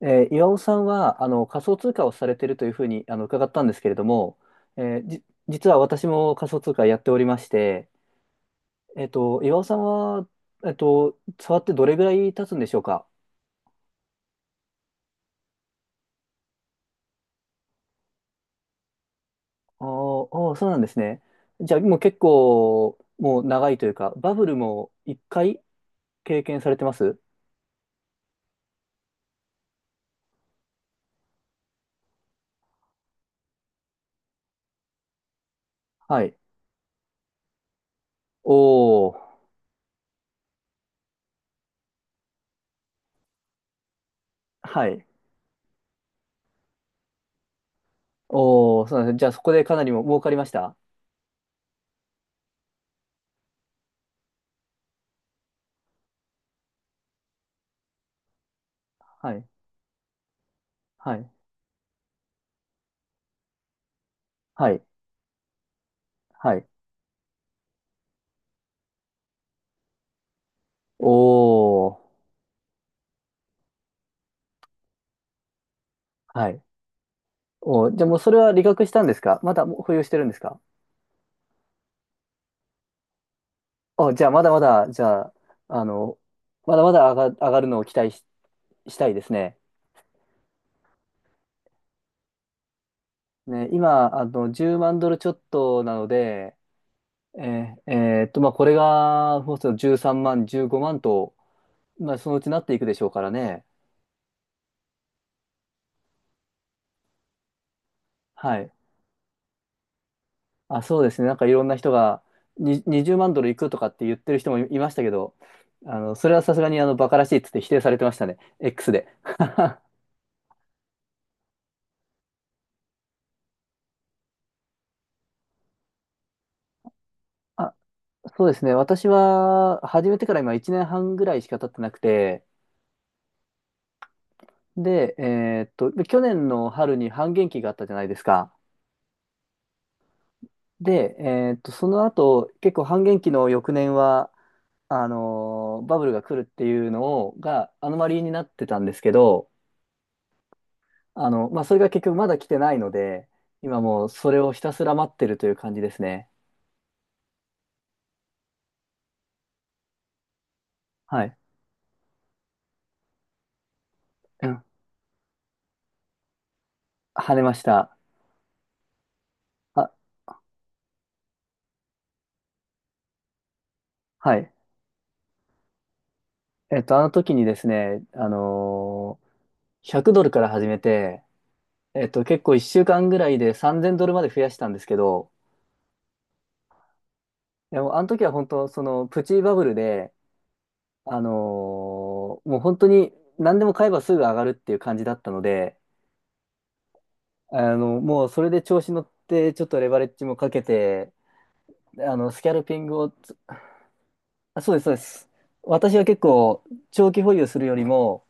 岩尾さんは仮想通貨をされてるというふうに伺ったんですけれども、えーじ、実は私も仮想通貨やっておりまして、岩尾さんは、触ってどれぐらい経つんでしょうか？あーあー、そうなんですね。じゃあもう結構もう長いというか、バブルも1回経験されてます？はい。おお、はい。おお、そうなんですね。じゃあそこでかなりも儲かりました？はい。はい。はい。はい。おお、はい。お、じゃあもうそれは理学したんですか？まだもう保有してるんですか？お、じゃあまだまだ、じゃあ、あの、まだまだ上がるのを期待し、したいですね。ね、今、10万ドルちょっとなので、まあ、これが、もうすぐ13万、15万と、まあ、そのうちなっていくでしょうからね。はい。あ、そうですね。なんかいろんな人が、に20万ドルいくとかって言ってる人もいいましたけど、それはさすがに、バカらしいっつって否定されてましたね。X で。あ、そうですね。私は始めてから今1年半ぐらいしか経ってなくて、で、去年の春に半減期があったじゃないですか。で、その後、結構半減期の翌年は、バブルが来るっていうのをがアノマリーになってたんですけど、まあ、それが結局まだ来てないので、今もうそれをひたすら待ってるという感じですね。はい。うん。跳ねました。あ、はい。あの時にですね、100ドルから始めて、結構1週間ぐらいで3000ドルまで増やしたんですけど、でもあの時は本当、そのプチバブルで、もう本当に何でも買えばすぐ上がるっていう感じだったので、もうそれで調子乗って、ちょっとレバレッジもかけて、スキャルピングを、あ、そうです、そうです。私は結構、長期保有するよりも、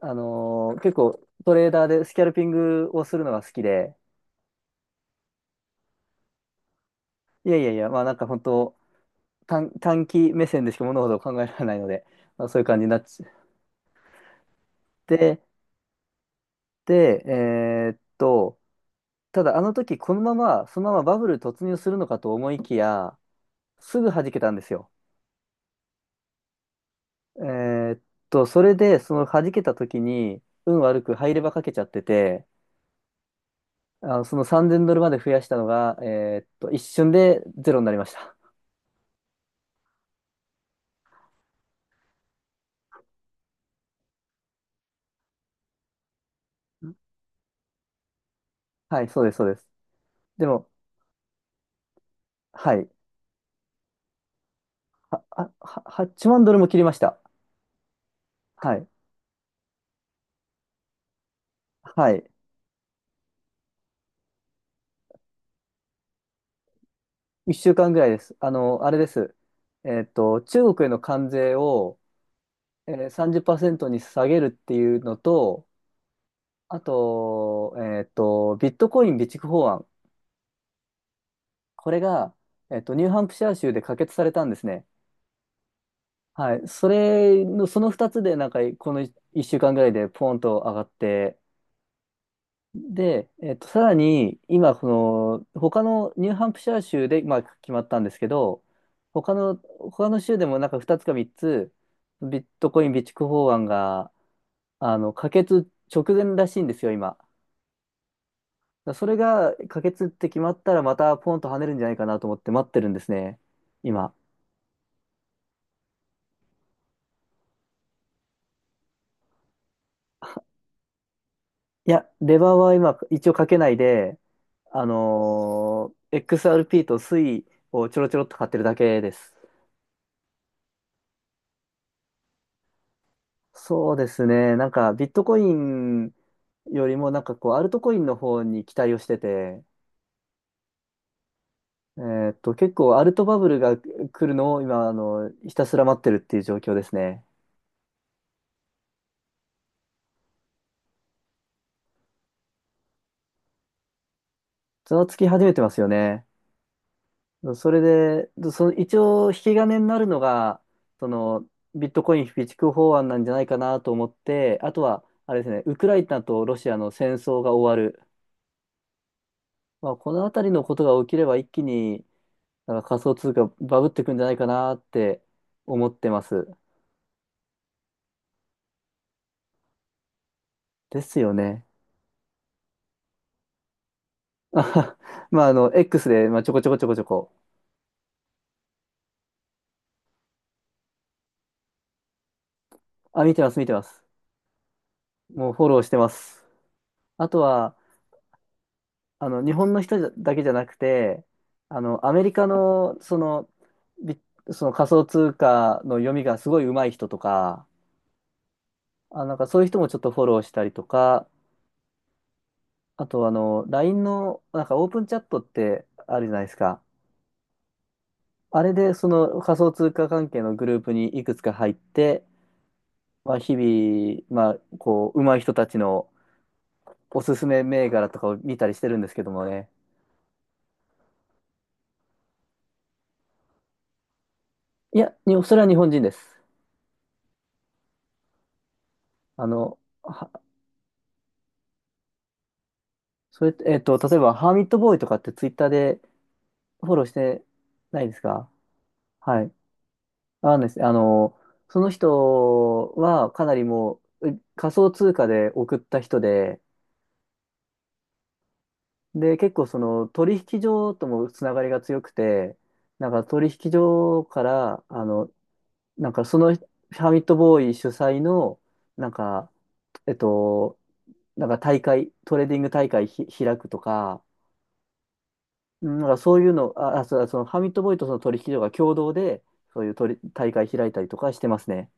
結構トレーダーでスキャルピングをするのが好きで、いやいやいや、まあなんか本当、短期目線でしか物事を考えられないので、まあ、そういう感じになっちゃって、で、ただあの時このまま、そのままバブル突入するのかと思いきや、すぐ弾けたんですよ。えーっそれで、その弾けた時に、運悪く入れ歯かけちゃってて、その3000ドルまで増やしたのが、一瞬でゼロになりました。はい、そうです、そうです。でも、はい。あ、8万ドルも切りました。はい。はい。1週間ぐらいです。あの、あれです。中国への関税を、30%に下げるっていうのと、あと、ビットコイン備蓄法案。これが、ニューハンプシャー州で可決されたんですね。はい。それの、その2つで、なんか、この1週間ぐらいでポーンと上がって、で、さらに、今、この、他のニューハンプシャー州で、まあ、決まったんですけど、他の州でもなんか2つか3つ、ビットコイン備蓄法案が、可決直前らしいんですよ、今。だからそれが可決って決まったら、またポンと跳ねるんじゃないかなと思って待ってるんですね、今。いや、レバーは今、一応かけないで、あのー XRP とスイをちょろちょろっと買ってるだけです。そうですね。なんか、ビットコインよりも、なんかこう、アルトコインの方に期待をしてて、結構アルトバブルが来るのを今、ひたすら待ってるっていう状況ですね。ざわつき始めてますよね。それで、その一応、引き金になるのが、その、ビットコイン備蓄法案なんじゃないかなと思って、あとは、あれですね、ウクライナとロシアの戦争が終わる。まあ、このあたりのことが起きれば一気に、だから仮想通貨バブってくんじゃないかなって思ってます。ですよね。あははまあ、X で、まあ、ちょこちょこちょこちょこ。あ、見てます、見てます。もうフォローしてます。あとは、日本の人だけじゃなくて、アメリカの、その、ビその仮想通貨の読みがすごい上手い人とか、あ、なんかそういう人もちょっとフォローしたりとか、あと、LINE の、なんかオープンチャットってあるじゃないですか。あれで、その仮想通貨関係のグループにいくつか入って、まあ、日々、まあ、こう、上手い人たちのおすすめ銘柄とかを見たりしてるんですけどもね。いや、それは日本人です。あの、は、例えば、ハーミットボーイとかってツイッターでフォローしてないですか？はい。あのですね。その人はかなりもう、う仮想通貨で送った人で、で、結構その取引所ともつながりが強くて、なんか取引所から、なんかそのファミットボーイ主催の、なんか、えっと、なんか大会、トレーディング大会開くとか、うんなんかそういうの、あそう、そのファミットボーイとその取引所が共同で、そういう取り大会開いたりとかしてますね。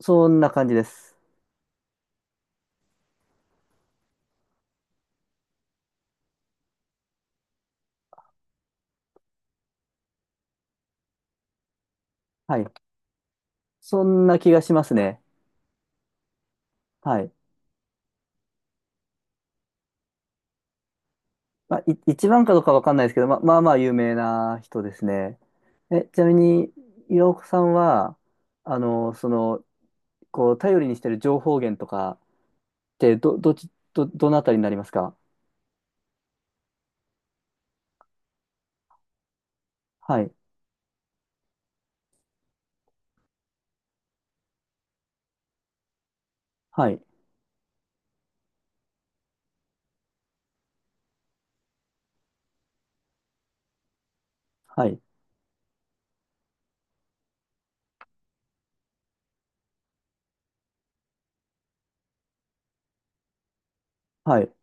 そんな感じです。はい。そんな気がしますね。はい。まあ、一番かどうかわかんないですけど、まあ、まあまあ有名な人ですね。え、ちなみに、岩岡さんは、その、こう、頼りにしてる情報源とかって、どっち、どのあたりになりますか？はい、はい、はい、はい。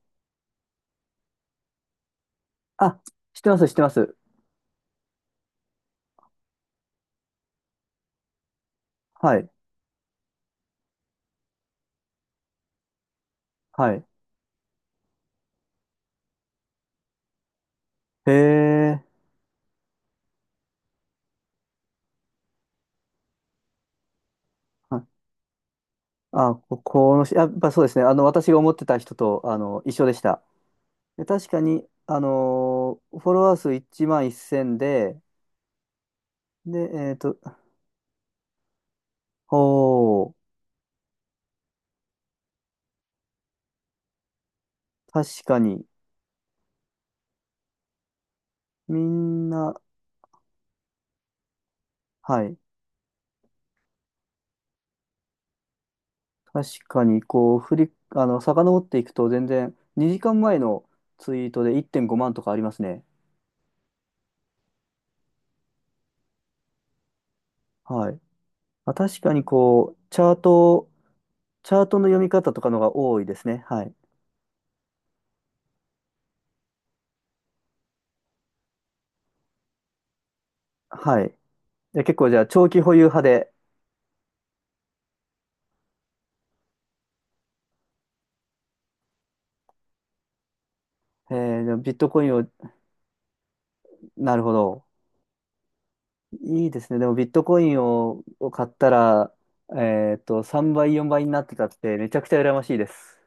あ、知ってます、知ってます。はい、はい。へえ、はい。あ、このし、やっぱそうですね。私が思ってた人と、一緒でした。で確かに、フォロワー数1万1000で、で、えっと、お確かに、みんな、はい。確かに、こう、遡っていくと全然、2時間前のツイートで1.5万とかありますね。はい。まあ、確かに、こう、チャートの読み方とかのが多いですね。はい。はい。で、結構、じゃあ、長期保有派で、でもビットコインを、なるほど。いいですね。でも、ビットコインを買ったら、3倍、4倍になってたって、めちゃくちゃ羨ましいです。